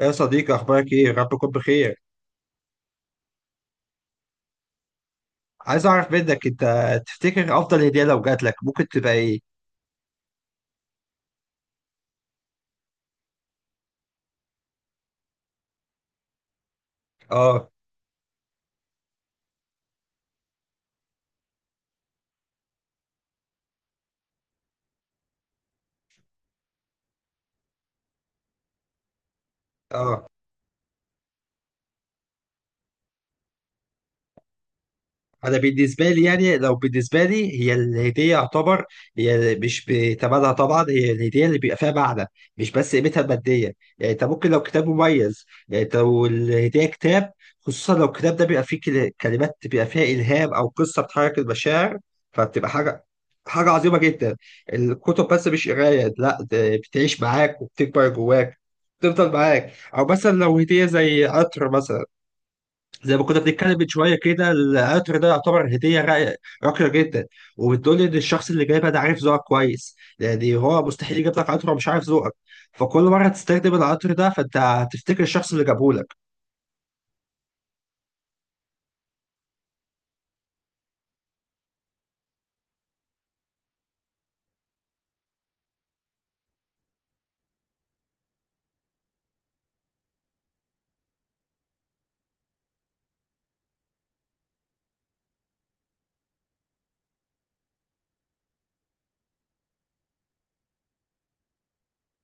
يا صديقي، اخبارك ايه؟ رب يكون بخير. عايز اعرف منك انت، تفتكر افضل هديه لو جات لك ممكن تبقى ايه؟ اه. اه، انا بالنسبه لي، يعني لو بالنسبه لي هي الهديه يعتبر هي مش بثمنها طبعا، هي الهديه اللي بيبقى فيها معنى، مش بس قيمتها الماديه. يعني انت ممكن لو كتاب مميز، يعني انت لو الهديه كتاب، خصوصا لو الكتاب ده بيبقى فيه كلمات بيبقى فيها الهام او قصه بتحرك المشاعر، فبتبقى حاجه، حاجه عظيمه جدا. الكتب بس مش قرايه، لا ده بتعيش معاك وبتكبر جواك، بتفضل معاك. او مثلا لو هديه زي عطر مثلا، زي ما كنا بنتكلم من شويه كده، القطر ده يعتبر هديه راقيه جدا، وبتقول لي ان الشخص اللي جايبها ده عارف ذوقك كويس. يعني هو مستحيل يجيب لك قطر ومش عارف ذوقك، فكل مره تستخدم القطر ده فانت هتفتكر الشخص اللي جابه لك.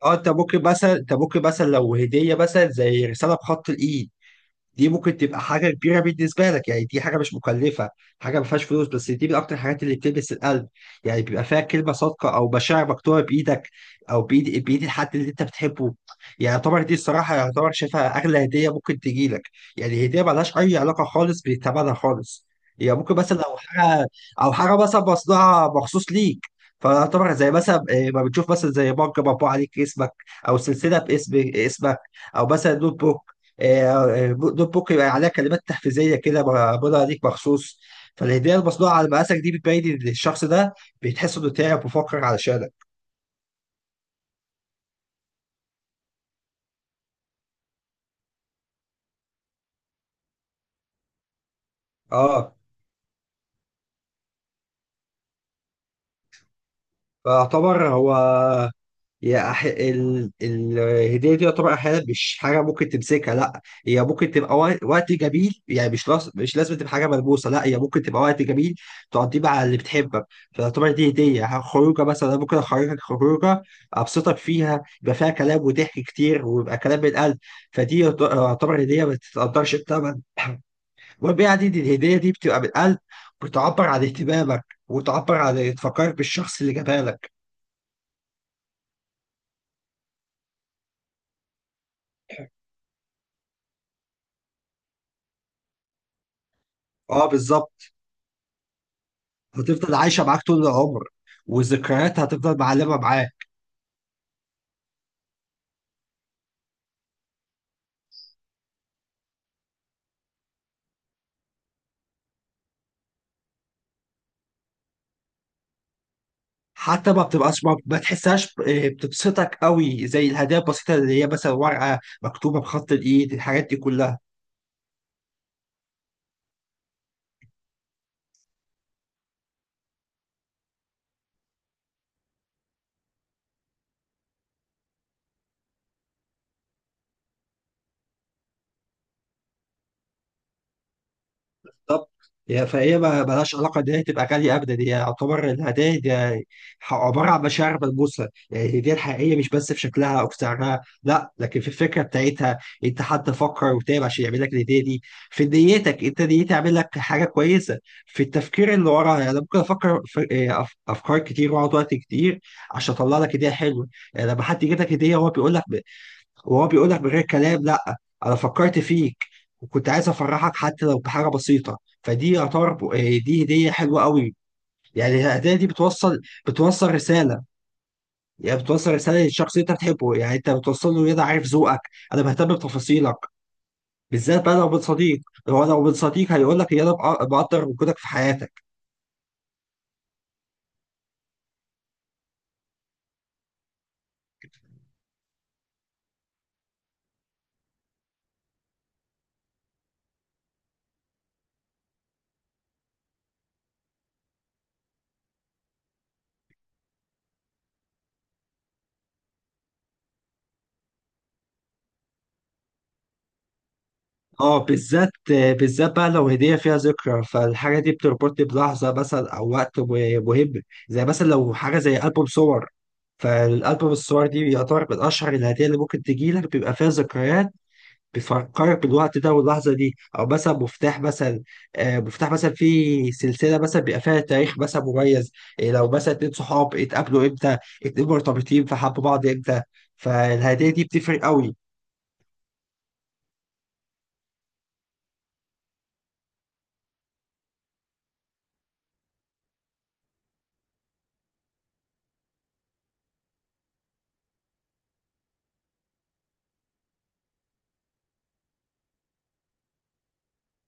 اه، انت ممكن مثلا، انت ممكن مثلا لو هديه مثلا زي رساله بخط الايد، دي ممكن تبقى حاجة كبيرة بالنسبة لك. يعني دي حاجة مش مكلفة، حاجة ما فيهاش فلوس، بس دي من أكتر الحاجات اللي بتلمس القلب. يعني بيبقى فيها كلمة صادقة أو مشاعر مكتوبة بإيدك، أو بإيد الحد اللي أنت بتحبه. يعني يعتبر دي الصراحة، يعتبر شايفها أغلى هدية ممكن تجيلك. يعني هدية ملهاش أي علاقة خالص بثمنها خالص. هي يعني ممكن مثلا لو حاجة، أو حاجة مثلا مصنوعة مخصوص ليك، فيعتبر زي مثلا ما بتشوف مثلا زي مج مطبوع عليك اسمك، أو سلسلة باسم اسمك، أو مثلا نوت بوك. آه، دوبوك يبقى عليها كلمات تحفيزيه كده بقولها ليك مخصوص. فالهديه المصنوعه على مقاسك دي بتبين إن الشخص ده بيتحس انه تعب وفكر علشانك. اه. فاعتبر هو، الهدية دي يعتبر أحيانا مش حاجة ممكن تمسكها، لا هي ممكن تبقى وقت جميل. يعني مش لازم تبقى حاجة ملموسة، لا هي ممكن تبقى وقت جميل تقضيه مع اللي بتحبك. فتعتبر دي هدية. يعني خروجة مثلا، ممكن أخرجك خروجة أبسطك فيها، يبقى فيها كلام وضحك كتير ويبقى كلام من قلب. فدي يعتبر هدية ما تتقدرش بثمن. المهم يعني إن الهدية دي بتبقى من قلب، بتعبر عن اهتمامك وتعبر عن تفكرك بالشخص اللي جابها لك. اه بالظبط. هتفضل عايشه معاك طول العمر، والذكريات هتفضل معلمه معاك. حتى ما بتبقاش، ما تحسهاش، بتبسطك قوي زي الهدايا البسيطه اللي هي مثلا ورقه مكتوبه بخط الايد، الحاجات دي كلها بالظبط. فهي ما ملهاش علاقه ان هي تبقى غاليه ابدا، هي يعتبر الهدايا دي عباره عن مشاعر ملموسه. يعني الهديه الحقيقيه مش بس في شكلها او في سعرها، لا لكن في الفكره بتاعتها. انت حد فكر وتعب عشان يعمل لك الهديه دي، في نيتك، انت نيتي عامل لك حاجه كويسه، في التفكير اللي وراها. يعني أنا ممكن افكر في افكار كتير واقعد وقت كتير عشان اطلع لك هديه حلوه. يعني لما حد يجيب لك هديه هو بيقول لك، وهو بيقول لك من غير كلام، لا انا فكرت فيك وكنت عايز افرحك حتى لو بحاجه بسيطه. فدي يعتبر، دي هديه حلوه قوي. يعني الهديه دي بتوصل، بتوصل رساله. يعني بتوصل رساله للشخص اللي انت بتحبه، يعني انت بتوصل له إن انا عارف ذوقك، انا بهتم بتفاصيلك. بالذات بقى لو من صديق، هو لو من صديق هيقول لك ان انا بقدر وجودك في حياتك. اه بالذات، بالذات بقى لو هدية فيها ذكرى، فالحاجة دي بتربطني بلحظة مثلا أو وقت مهم. زي مثلا لو حاجة زي ألبوم صور، فالألبوم الصور دي يعتبر من أشهر الهدية اللي ممكن تجيلك، بيبقى فيها ذكريات بتفكرك بالوقت ده واللحظة دي. أو مثلا مفتاح مثلا، مفتاح مثلا في سلسلة مثلا بيبقى فيها تاريخ مثلا مميز. إيه لو مثلا اتنين صحاب اتقابلوا إمتى، اتنين مرتبطين فحبوا بعض إمتى، فالهدية دي بتفرق قوي.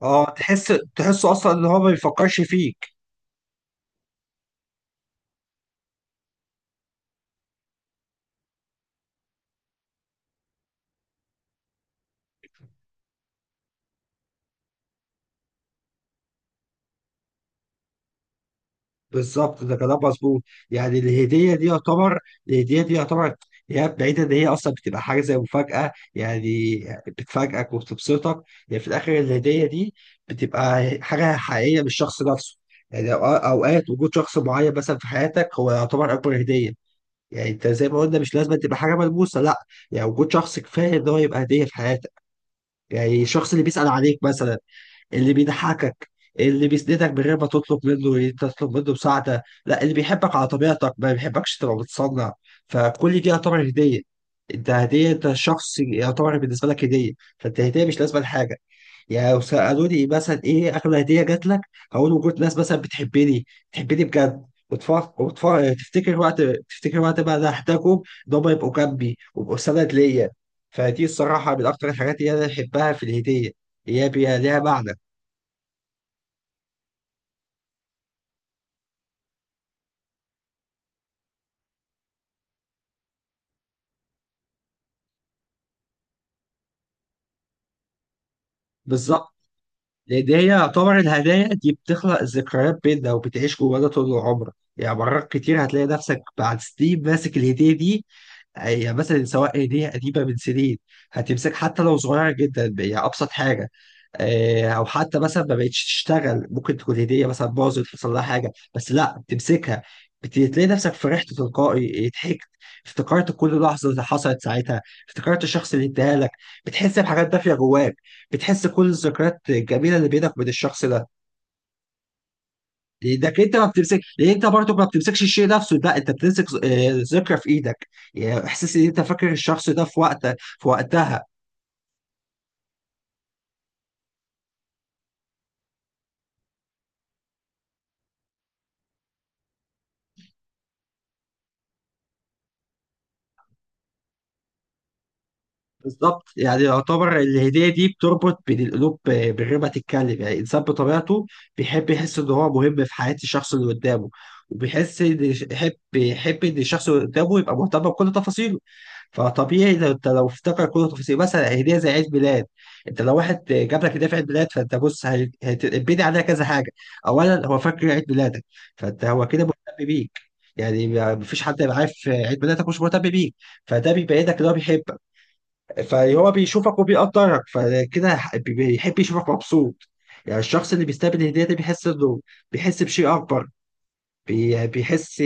اه تحس، تحسه اصلا ان هو ما بيفكرش فيك. بالظبط، ده كلام مظبوط. يعني الهديه دي يعتبر، الهديه دي يعتبر هي بعيدة إن هي أصلا بتبقى حاجة زي مفاجأة، يعني بتفاجئك وبتبسطك. يعني في الآخر الهدية دي بتبقى حاجة حقيقية من الشخص نفسه. يعني أوقات وجود شخص معين مثلا في حياتك هو يعتبر أكبر هدية. يعني أنت زي ما قلنا مش لازم تبقى حاجة ملموسة لأ. يعني وجود شخص كفاية إن هو يبقى هدية في حياتك. يعني الشخص اللي بيسأل عليك مثلا، اللي بيضحكك، اللي بيسندك من غير ما تطلب منه مساعدة، لا اللي بيحبك على طبيعتك ما بيحبكش تبقى متصنع. فكل دي يعتبر هدية. انت هدية، انت شخص يعتبر بالنسبة لك هدية، فانت هدية مش لازمة لحاجة. يعني لو سألوني مثلا ايه أغلى هدية جات لك، هقول وجود ناس مثلا بتحبني، بتحبني بجد وتفكر وتفكر تفتكر وقت تفتكر وقت ما انا احتاجهم، ان هم يبقوا جنبي ويبقوا سند ليا. فدي الصراحة من أكتر الحاجات اللي أنا بحبها في الهدية، هي ليها معنى. بالظبط. لان هي يعتبر الهدايا دي بتخلق ذكريات بيننا وبتعيش جوانا طول عمرك. يعني مرات كتير هتلاقي نفسك بعد سنين ماسك الهدية دي، هي مثلا سواء هدية قديمة من سنين، هتمسك حتى لو صغيرة جدا، هي أبسط حاجة، أو حتى مثلا ما بقتش تشتغل، ممكن تكون هدية مثلا باظت، حصل لها حاجة، بس لا بتمسكها. تلاقي نفسك فرحت تلقائي، ضحكت، افتكرت كل لحظة اللي حصلت ساعتها، افتكرت الشخص اللي اداها لك. بتحس بحاجات دافية جواك، بتحس كل الذكريات الجميلة اللي بينك وبين الشخص ده. ايدك انت ما بتمسك، لان انت برضو ما بتمسكش الشيء نفسه، لا انت بتمسك ذكرى في ايدك. يعني احساس ان انت فاكر الشخص ده في وقت، في وقتها. بالظبط. يعني يعتبر الهديه دي بتربط بين القلوب بالربا تتكلم. يعني الانسان بطبيعته بيحب يحس ان هو مهم في حياه الشخص اللي قدامه، وبيحس ان، يحب ان الشخص اللي قدامه يبقى مهتم بكل تفاصيله. فطبيعي لو انت لو افتكر كل تفاصيل مثلا هديه زي عيد ميلاد، انت لو واحد جاب لك هديه في عيد ميلاد، فانت بص، هيتبني عليها كذا حاجه. اولا هو فاكر عيد ميلادك، فانت هو كده مهتم بيك. يعني مفيش حد يبقى عارف عيد ميلادك مش مهتم بيك، فده بيبينك ان هو بيحبك. فهو بيشوفك وبيقدرك، فكده بيحب يشوفك مبسوط. يعني الشخص اللي بيستقبل الهديه ده بيحس انه، بيحس بشيء اكبر، بيحس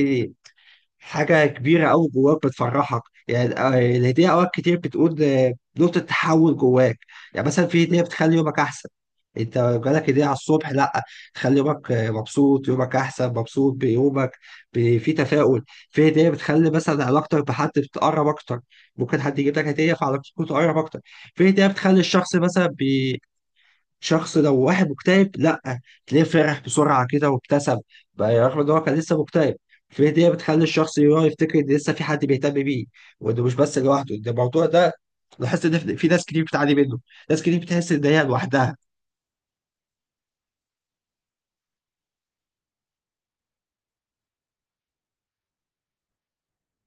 حاجة كبيرة أوي جواك بتفرحك. يعني الهدية أوقات كتير بتقول، نقطة تحول جواك. يعني مثلا في هدية بتخلي يومك أحسن. أنت جالك هدية على الصبح، لأ تخلي يومك، مبسوط يومك أحسن، مبسوط بيومك، في تفاؤل. في هدية بتخلي مثلا علاقتك بحد بتقرب أكتر، ممكن حد يجيب لك هدية فعلاقتكم تقرب أكتر. في هدية بتخلي الشخص مثلا، شخص لو واحد مكتئب، لا تلاقيه فرح بسرعه كده وابتسم بقى رغم ان هو كان لسه مكتئب. في هديه بتخلي الشخص يراه يفتكر ان لسه في حد بيهتم بيه، وانه مش بس لوحده. ده الموضوع ده لاحظت ان في ناس كتير بتعاني منه، ناس كتير بتحس ان هي لوحدها.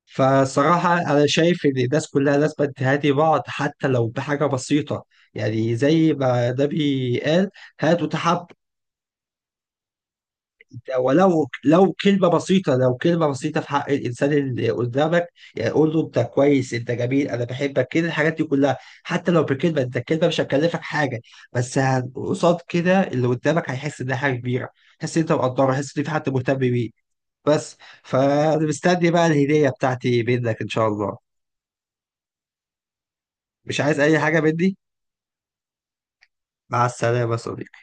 فالصراحه انا شايف ان الناس كلها لازم تهادي بعض حتى لو بحاجه بسيطه، يعني زي ما النبي قال هاتوا تحابوا. ولو كلمة بسيطة، لو كلمة بسيطة في حق الإنسان اللي قدامك، يعني قول له أنت كويس، أنت جميل، أنا بحبك، كده الحاجات دي كلها، حتى لو بكلمة. أنت الكلمة مش هتكلفك حاجة، بس قصاد كده اللي قدامك هيحس إنها حاجة كبيرة، هيحس إن أنت مقدره، هيحس إن في حد مهتم بيه، بس. فأنا مستني بقى الهدية بتاعتي منك إن شاء الله. مش عايز أي حاجة مني. مع السلامة يا صديقي.